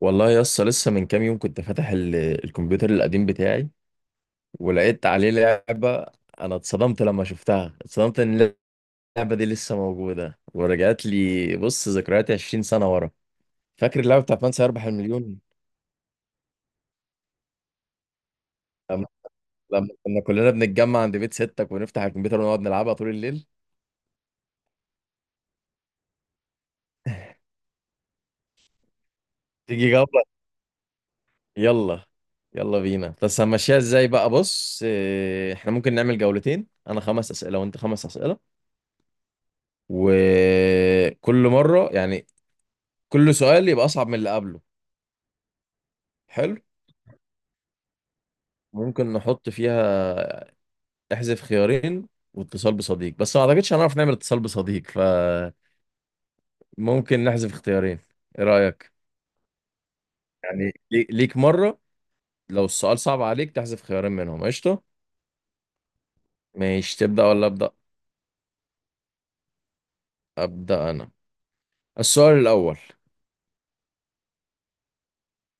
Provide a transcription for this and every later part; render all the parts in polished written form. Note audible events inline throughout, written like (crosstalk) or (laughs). والله يا اسطى، لسه من كام يوم كنت فاتح الكمبيوتر القديم بتاعي ولقيت عليه لعبة. انا اتصدمت لما شفتها، اتصدمت ان اللعبة دي لسه موجودة، ورجعت لي بص ذكرياتي 20 سنة ورا. فاكر اللعبة بتاعت من سيربح المليون؟ لما لما كنا كلنا بنتجمع عند بيت ستك ونفتح الكمبيوتر ونقعد نلعبها طول الليل. تيجي جولة؟ يلا. يلا بينا. بس هنمشيها ازاي بقى؟ بص إيه، احنا ممكن نعمل جولتين، انا خمس اسئله وانت خمس اسئله، وكل مره يعني كل سؤال يبقى أصعب من اللي قبله. حلو. ممكن نحط فيها احذف خيارين واتصال بصديق، بس ما أعتقدش هنعرف نعمل اتصال بصديق، فممكن نحذف اختيارين. إيه رأيك؟ يعني ليك مرة، لو السؤال صعب عليك تحذف خيارين منهم، قشطة؟ ماشي، تبدأ ولا أبدأ؟ أبدأ أنا. السؤال الأول.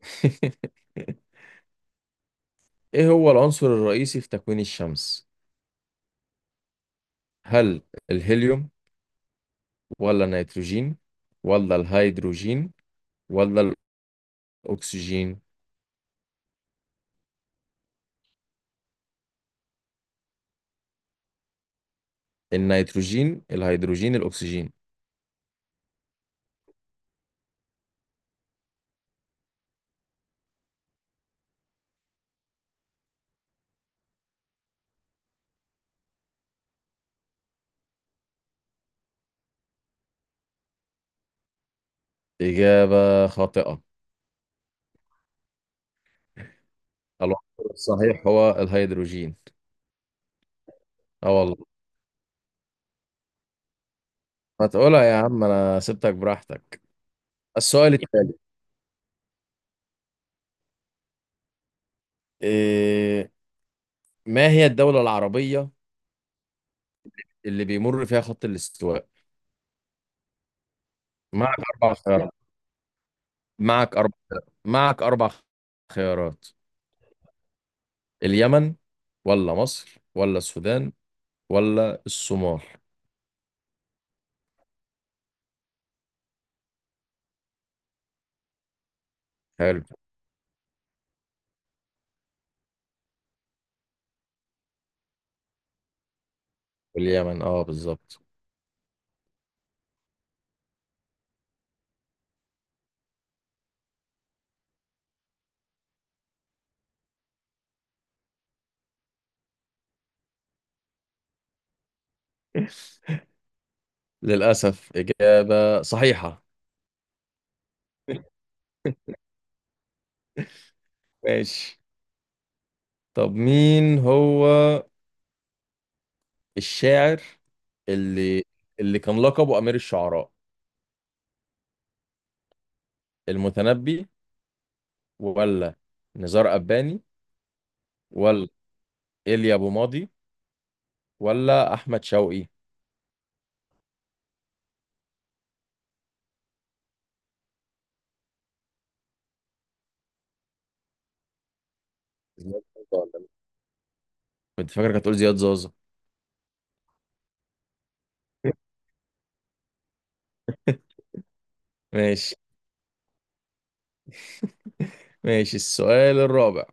(laughs) إيه هو العنصر الرئيسي في تكوين الشمس؟ هل الهيليوم، ولا النيتروجين، ولا الهيدروجين، ولا الأكسجين؟ النيتروجين، الهيدروجين، الأكسجين. إجابة خاطئة. العنصر الصحيح هو الهيدروجين. اه والله. ما تقولها يا عم، أنا سبتك براحتك. السؤال التالي. إيه. ما هي الدولة العربية اللي بيمر فيها خط الاستواء؟ معك أربع خيارات. معك أربع. معك أربع خيارات. اليمن، ولا مصر، ولا السودان، ولا الصومال. حلو. اليمن، اه بالظبط. (laughs) للأسف إجابة صحيحة. ماشي. طب مين هو الشاعر اللي اللي كان لقبه أمير الشعراء؟ المتنبي، ولا نزار قباني، ولا إيليا أبو ماضي، ولا أحمد شوقي؟ زياد زازا ولا مين؟ كنت فاكرك هتقول زياد زازا. ماشي ماشي، السؤال الرابع.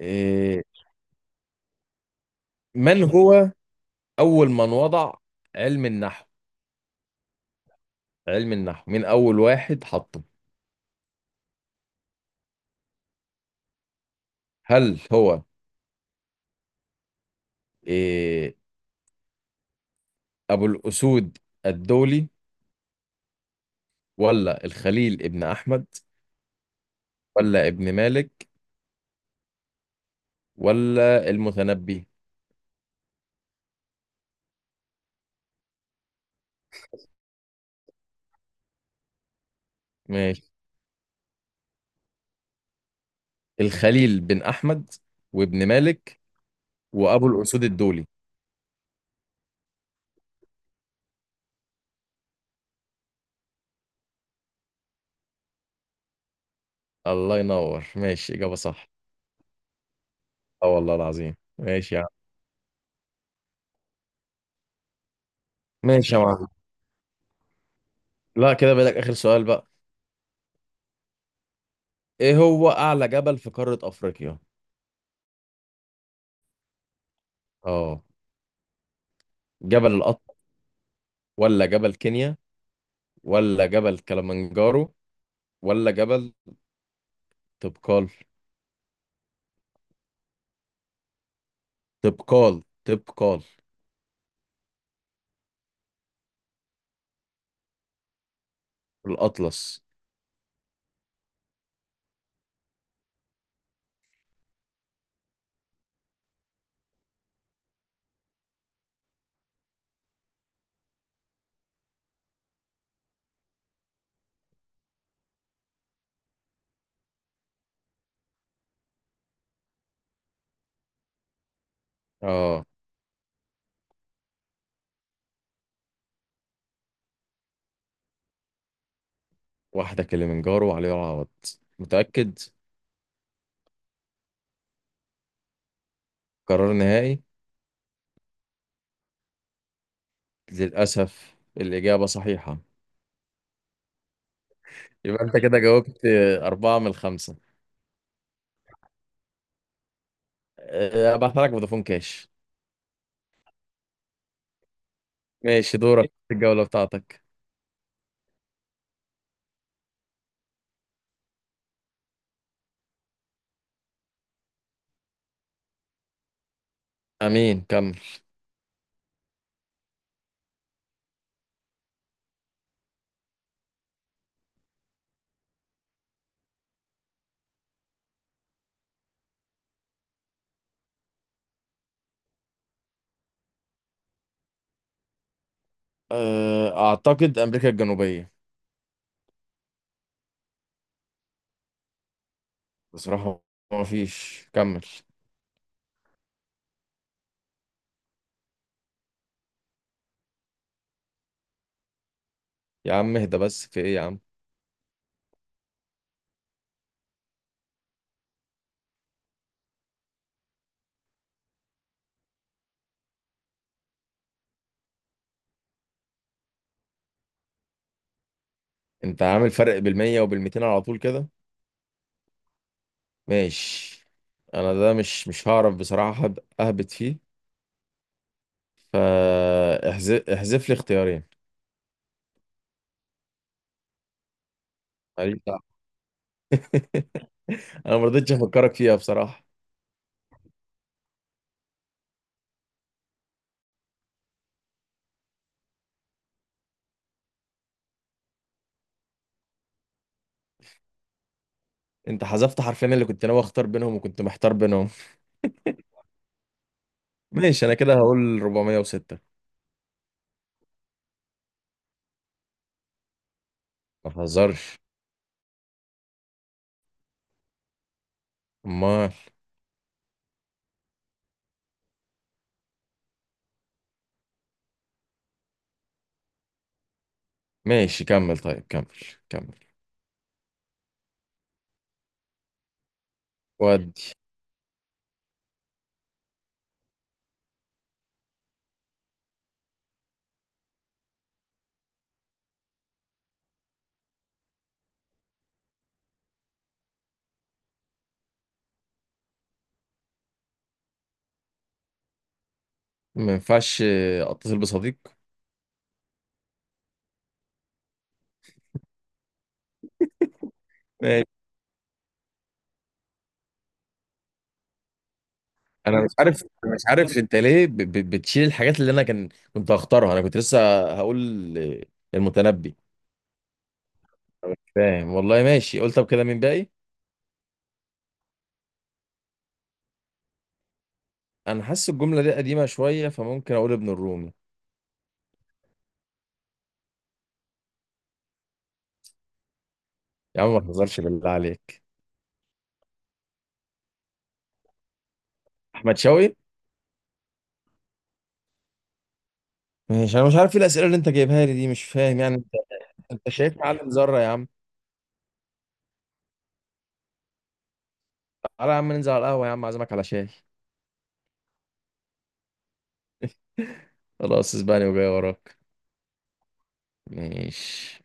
إيه. من هو أول من وضع علم النحو. علم النحو، مين أول واحد حطه؟ هل هو إيه، أبو الأسود الدولي، ولا الخليل ابن أحمد، ولا ابن مالك، ولا المتنبي؟ ماشي. الخليل بن أحمد، وابن مالك، وأبو الأسود الدولي. الله ينور. ماشي، إجابة صح. اه والله العظيم. ماشي يا عم. ماشي يا معلم. لا كده بقى، آخر سؤال بقى. إيه هو أعلى جبل في قارة أفريقيا؟ اه. جبل القطر، ولا جبل كينيا، ولا جبل كلمنجارو، ولا جبل تبقال. تبقال، تبقال. الأطلس. اه، واحدة كلمنجارو وعليها العوض. متأكد؟ قرار نهائي. للأسف الإجابة صحيحة. يبقى أنت كده جاوبت أربعة من الخمسة. أه، أبعت لك فودافون كاش. ماشي، دورك في الجولة بتاعتك. أمين، كمل. أه، أعتقد أمريكا الجنوبية. بصراحة ما فيش، كمل. يا عم اهدى بس، في إيه يا عم؟ أنت عامل فرق بالمية وبالميتين على طول كده. ماشي. أنا ده مش هعرف بصراحة، أهبط فيه، فاحذف لي اختيارين. ماليش دعوة. (laughs) أنا ما رضيتش أفكرك فيها بصراحة. انت حذفت حرفين اللي كنت ناوي اختار بينهم وكنت محتار بينهم. ماشي، انا كده هقول 406. ما تهزرش. امال. ماشي كمل، طيب كمل. ودي. ما ينفعش اتصل بصديق. ماشي، انا مش عارف أنا مش عارف انت ليه بتشيل الحاجات اللي انا كان كنت هختارها، انا كنت لسه هقول المتنبي. فاهم، والله ماشي. قلت طب كده مين باقي؟ انا حاسس الجمله دي قديمه شويه، فممكن اقول ابن الرومي. يا عم ما تهزرش بالله عليك. احمد شوقي. ماشي، انا مش عارف ايه الاسئله اللي انت جايبها لي دي، مش فاهم يعني. انت شايف معلم ذرة يا عم؟ تعالى يا عم، ننزل على القهوة، يا عم اعزمك على شاي. خلاص اسباني وجاي وراك. ماشي.